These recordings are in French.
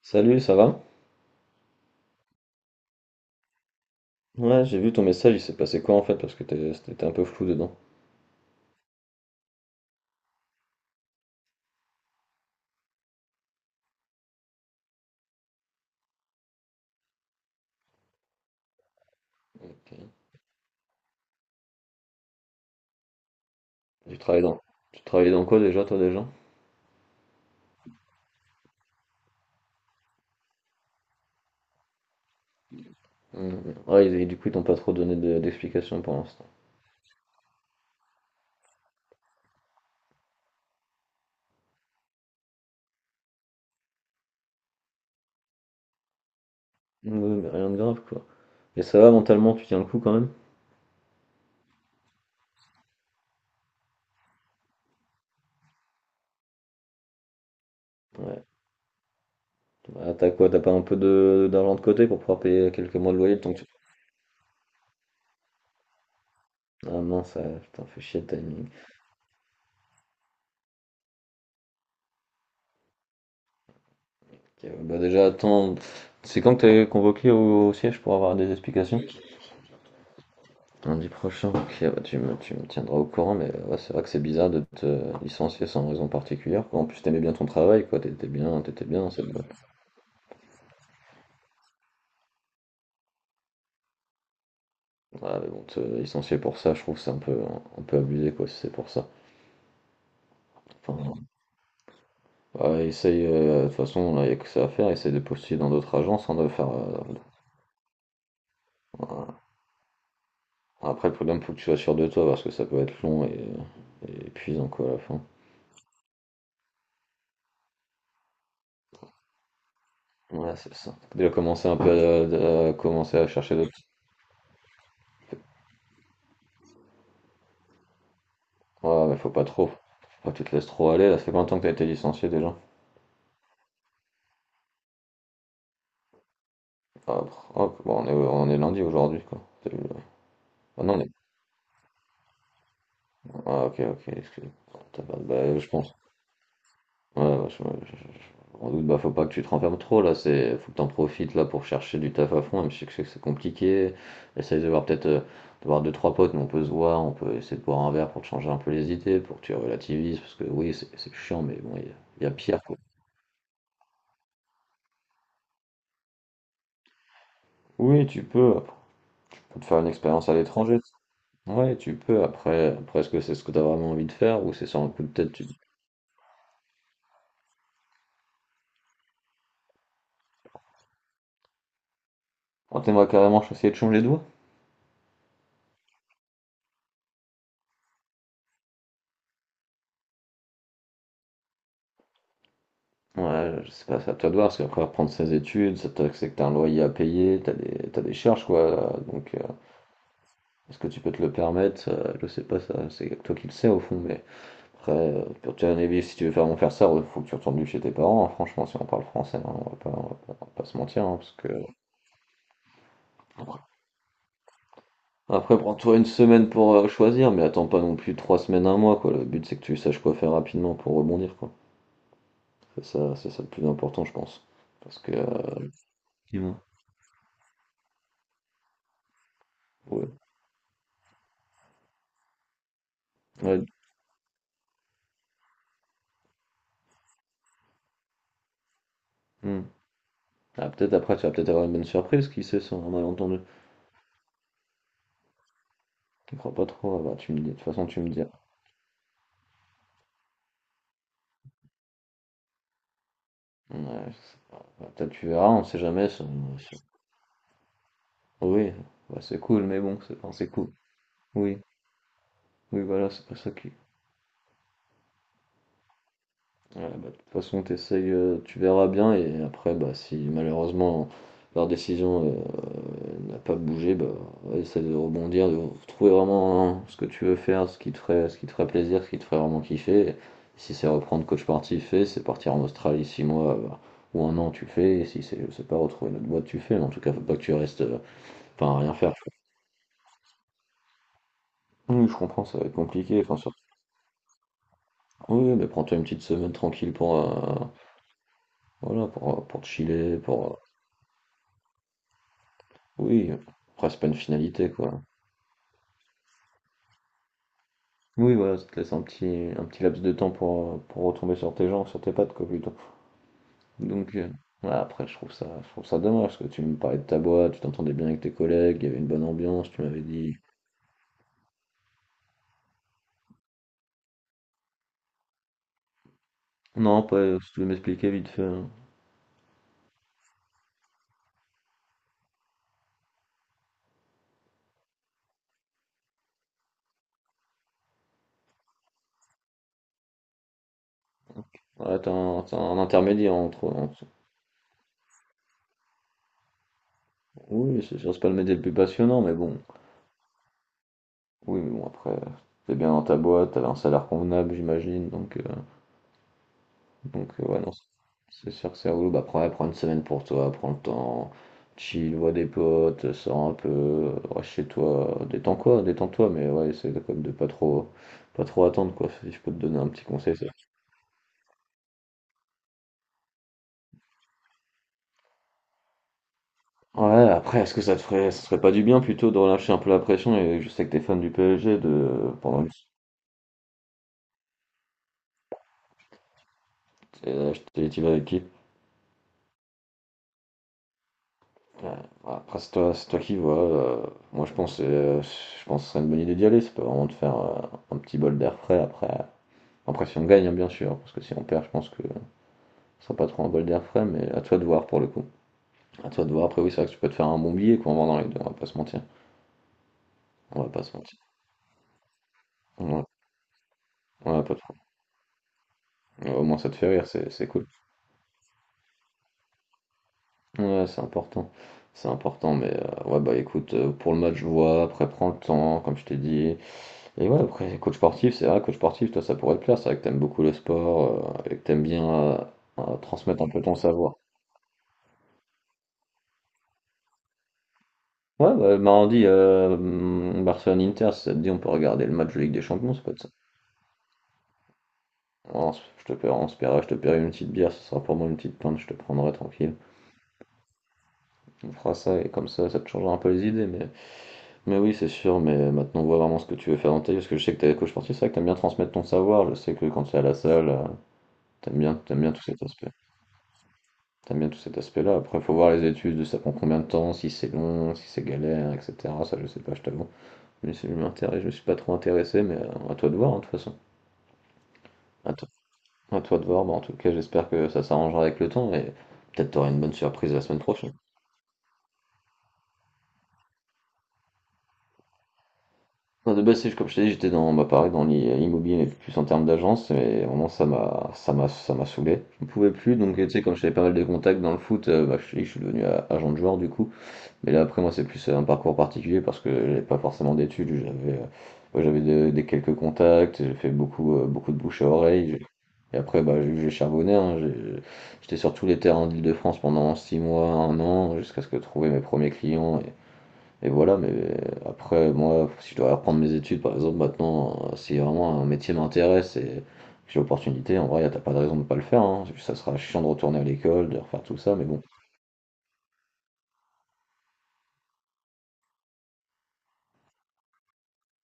Salut, ça va? Ouais, j'ai vu ton message, il s'est passé quoi en fait? Parce que t'étais un peu flou dedans. Tu travailles dans, tu travaillais dans quoi déjà, toi déjà? Ouais, du coup, ils t'ont pas trop donné d'explications pour l'instant. Ouais, mais rien de grave, quoi. Et ça va mentalement, tu tiens le coup quand même? Ouais. Bah, t'as quoi? T'as pas un peu de d'argent de côté pour pouvoir payer quelques mois de loyer le temps que tu. Ah mince, ça putain, fait chier le timing. Ok, bah déjà, attends, c'est quand que t'es convoqué au siège pour avoir des explications? Lundi prochain, ok, ouais, tu me tiendras au courant, mais ouais, c'est vrai que c'est bizarre de te licencier sans raison particulière, quoi. En plus, t'aimais bien ton travail, quoi, t'étais bien, c'est... Mm. Ouais, mais bon, te licencier pour ça, je trouve que c'est un peu abusé, quoi, si c'est pour ça. Enfin, ouais, essaye, de toute façon, là, il n'y a que ça à faire, essaye de postuler dans d'autres agences, hein, de faire... voilà. Après, le problème, faut que tu sois sûr de toi, parce que ça peut être long et épuisant, quoi, à la fin. Ouais, c'est ça. Déjà commencer un peu à commencer à chercher d'autres. Ouais, mais faut pas trop. Faut pas que tu te laisses trop aller. Là, ça fait combien de temps que t'as été licencié déjà? Hop, hop. Bon, on est lundi aujourd'hui, quoi. T'as eu. Ah non, on est... Ah, ok, ok, excuse. T'as pas- Bah, je pense. Ouais, ouais, je m'en doute. Bah, faut pas que tu te renfermes trop, là. C'est... Faut que t'en profites, là, pour chercher du taf à fond. Même si je sais que c'est compliqué. Essaye de voir peut-être... de voir deux, trois potes, mais on peut se voir. On peut essayer de boire un verre pour te changer un peu les idées, pour que tu relativises. Parce que oui, c'est chiant, mais bon, il y a pire, quoi. Oui, tu peux. Faut te faire une expérience à l'étranger. Ouais, tu peux. Après, est-ce que c'est ce que t'as vraiment envie de faire ou c'est sur un coup de tête tu... Oh, t'aimerais carrément essayer de changer de voie? Ouais, je sais pas, ça à toi de voir, parce qu'après reprendre ses études, c'est que t'as un loyer à payer, t'as des charges, quoi. Donc, est-ce que tu peux te le permettre? Je sais pas, ça, c'est toi qui le sais au fond, mais après, pour te donner vivre, si tu veux vraiment faire ça, il faut que tu retournes vivre chez tes parents, hein, franchement, si on parle français, hein, on va pas, on va pas, on va pas se mentir, hein, parce que. Après, prends-toi une semaine pour choisir, mais attends pas non plus trois semaines, un mois, quoi. Le but, c'est que tu saches quoi faire rapidement pour rebondir, quoi. C'est ça le plus important, je pense. Parce que, effectivement. Ouais. Ouais, hmm. Ah, peut-être après, tu vas peut-être avoir une bonne surprise, qui sait, sans un malentendu. Tu crois pas trop, ah bah, tu me dis, de toute façon, tu me diras. Ouais, je. Bah, peut-être tu verras, on sait jamais. Ça- Oui, bah, c'est cool, mais bon, c'est... enfin, c'est cool. Oui, oui, voilà, c'est pas ça qui. Ouais, bah, de toute façon, t'essayes, tu verras bien, et après, bah, si malheureusement leur décision n'a pas bougé, bah, ouais, essaie de rebondir, de trouver vraiment, hein, ce que tu veux faire, ce qui te ferait, plaisir, ce qui te ferait vraiment kiffer. Et si c'est reprendre coach sportif, et c'est partir en Australie 6 mois, bah, ou un an, tu le fais. Et si c'est, je sais pas, retrouver notre boîte, tu le fais. Mais en tout cas, faut pas que tu restes, enfin, à rien faire, tu vois. Oui, je comprends, ça va être compliqué. Enfin, surtout. Oui, mais prends-toi une petite semaine tranquille pour, voilà, pour te chiller, pour. Oui, après c'est pas une finalité, quoi. Oui voilà, ça te laisse un petit laps de temps pour retomber sur tes jambes, sur tes pattes, quoi, plutôt. Donc voilà, après je trouve ça dommage parce que tu me parlais de ta boîte, tu t'entendais bien avec tes collègues, il y avait une bonne ambiance, tu m'avais dit. Non, après, si tu veux m'expliquer vite fait, hein. Voilà, t'as un intermédiaire entre, entre. Oui, oui, c'est sûr, c'est pas le métier le plus passionnant, mais bon. Oui, mais bon, après, t'es bien dans ta boîte, t'avais un salaire convenable, j'imagine, donc. Donc ouais, non, c'est sûr que c'est relou. Bah, prends, ouais, prends une semaine pour toi, prends le temps, chill, vois des potes, sors un peu, reste chez toi, détends, quoi, détends-toi, mais ouais, essaie de comme de pas trop, pas trop attendre, quoi, si je peux te donner un petit conseil. Ça. Ouais, après, est-ce que ça te ferait, pas du bien plutôt de relâcher un peu la pression, et je sais que t'es fan du PSG, de, pendant une... je t'ai dit, tu vas avec qui? Ouais, après, c'est toi qui vois. euh, moi, je pense que ce serait une bonne idée d'y aller. Ça peut vraiment te faire un petit bol d'air frais après. Après, si on gagne, hein, bien sûr, parce que si on perd, je pense que ce sera pas trop un bol d'air frais, mais à toi de voir pour le coup. À toi de voir. Après, oui, c'est vrai que tu peux te faire un bon billet, quoi, en vendant les deux, on va pas se mentir. On va pas se mentir. Ouais, ouais, pas trop. Ouais, au moins, ça te fait rire, c'est cool. Ouais, c'est important. C'est important, mais ouais, bah écoute, pour le match, je vois, après, prends le temps, comme je t'ai dit. Et ouais, après, coach sportif, c'est vrai, coach sportif, toi, ça pourrait te plaire, c'est vrai que t'aimes beaucoup le sport, et que t'aimes bien euh, transmettre un peu ton savoir. Ouais, bah, mardi, Barcelone-Inter, si ça te dit, on peut regarder le match de Ligue des Champions, ça peut être ça. Je te paierai, je te paierai une petite bière, ce sera pour moi une petite pinte, je te prendrai tranquille. On fera ça et comme ça te changera un peu les idées. Mais oui, c'est sûr, mais maintenant on voit vraiment ce que tu veux faire dans ta vie, parce que je sais que t'es coach sportif, c'est vrai que t'aimes bien transmettre ton savoir, je sais que quand t'es à la salle, t'aimes bien, tout cet aspect. T'aimes bien tout cet aspect-là. Après, faut voir les études, ça prend combien de temps, si c'est long, si c'est galère, etc. Ça, je sais pas, je t'avoue. Mais ça je m'intéresse, je me suis pas trop intéressé, mais à toi de voir, hein, de toute façon. À toi, à toi de voir. Bah, en tout cas, j'espère que ça s'arrangera avec le temps et peut-être t'auras une bonne surprise la semaine prochaine. Non, de base, c'est comme je t'ai dit, j'étais dans, bah, pareil, dans l'immobilier, mais plus en termes d'agence, et vraiment, ça m'a saoulé. Je ne pouvais plus, donc, tu sais, comme j'avais pas mal de contacts dans le foot, bah, je suis devenu agent de joueur, du coup. Mais là, après, moi, c'est plus un parcours particulier parce que j'avais pas forcément d'études. J'avais ouais, j'avais des quelques contacts, j'ai fait beaucoup, beaucoup de bouche à oreille. J'ai. Et après, bah, j'ai charbonné, hein, j'ai. J'étais sur tous les terrains d'Île-de-France pendant 6 mois, un an, jusqu'à ce que trouver mes premiers clients. Et voilà, mais après, moi, si je dois reprendre mes études, par exemple, maintenant, si vraiment un métier m'intéresse et que j'ai l'opportunité, en vrai, t'as pas de raison de pas le faire, hein. Ça sera chiant de retourner à l'école, de refaire tout ça, mais bon.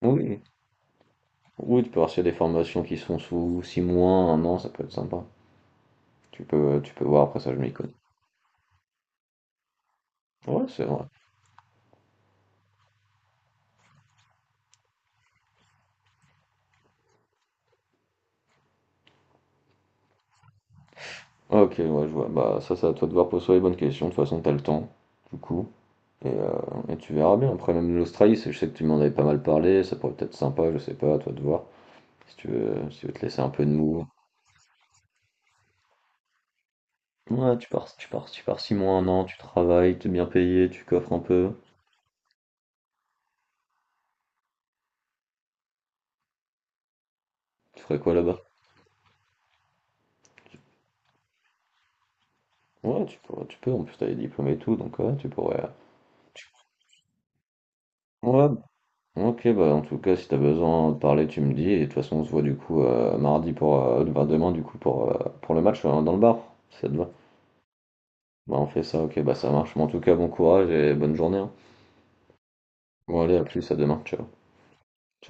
Oui, oui, tu peux voir s'il y a des formations qui sont sous 6 mois, un an, ça peut être sympa. Tu peux voir, après ça je m'y connais. Ouais, c'est vrai. Ah, ok, ouais, je vois. Bah ça, c'est à toi de voir, pose-toi les bonnes questions, de toute façon t'as le temps, du coup. Et, euh, et tu verras bien. Après, même l'Australie, c'est je sais que tu m'en avais pas mal parlé, ça pourrait peut-être sympa, je sais pas, à toi de voir. Si tu veux, te laisser un peu de mou. Ouais, tu pars 6 mois, un an, tu travailles, t'es bien payé, tu coffres un peu. Tu ferais quoi là-bas? Ouais, tu pourrais, tu peux, en plus t'as les diplômes et tout, donc ouais, tu pourrais. Ouais, ok, bah en tout cas, si t'as besoin de parler, tu me dis. Et de toute façon, on se voit du coup mardi pour. Enfin, demain du coup pour le match dans le bar, si ça te va. Bah on fait ça, ok, bah ça marche. Mais en tout cas, bon courage et bonne journée, hein. Bon allez, à plus, à demain, ciao. Ciao.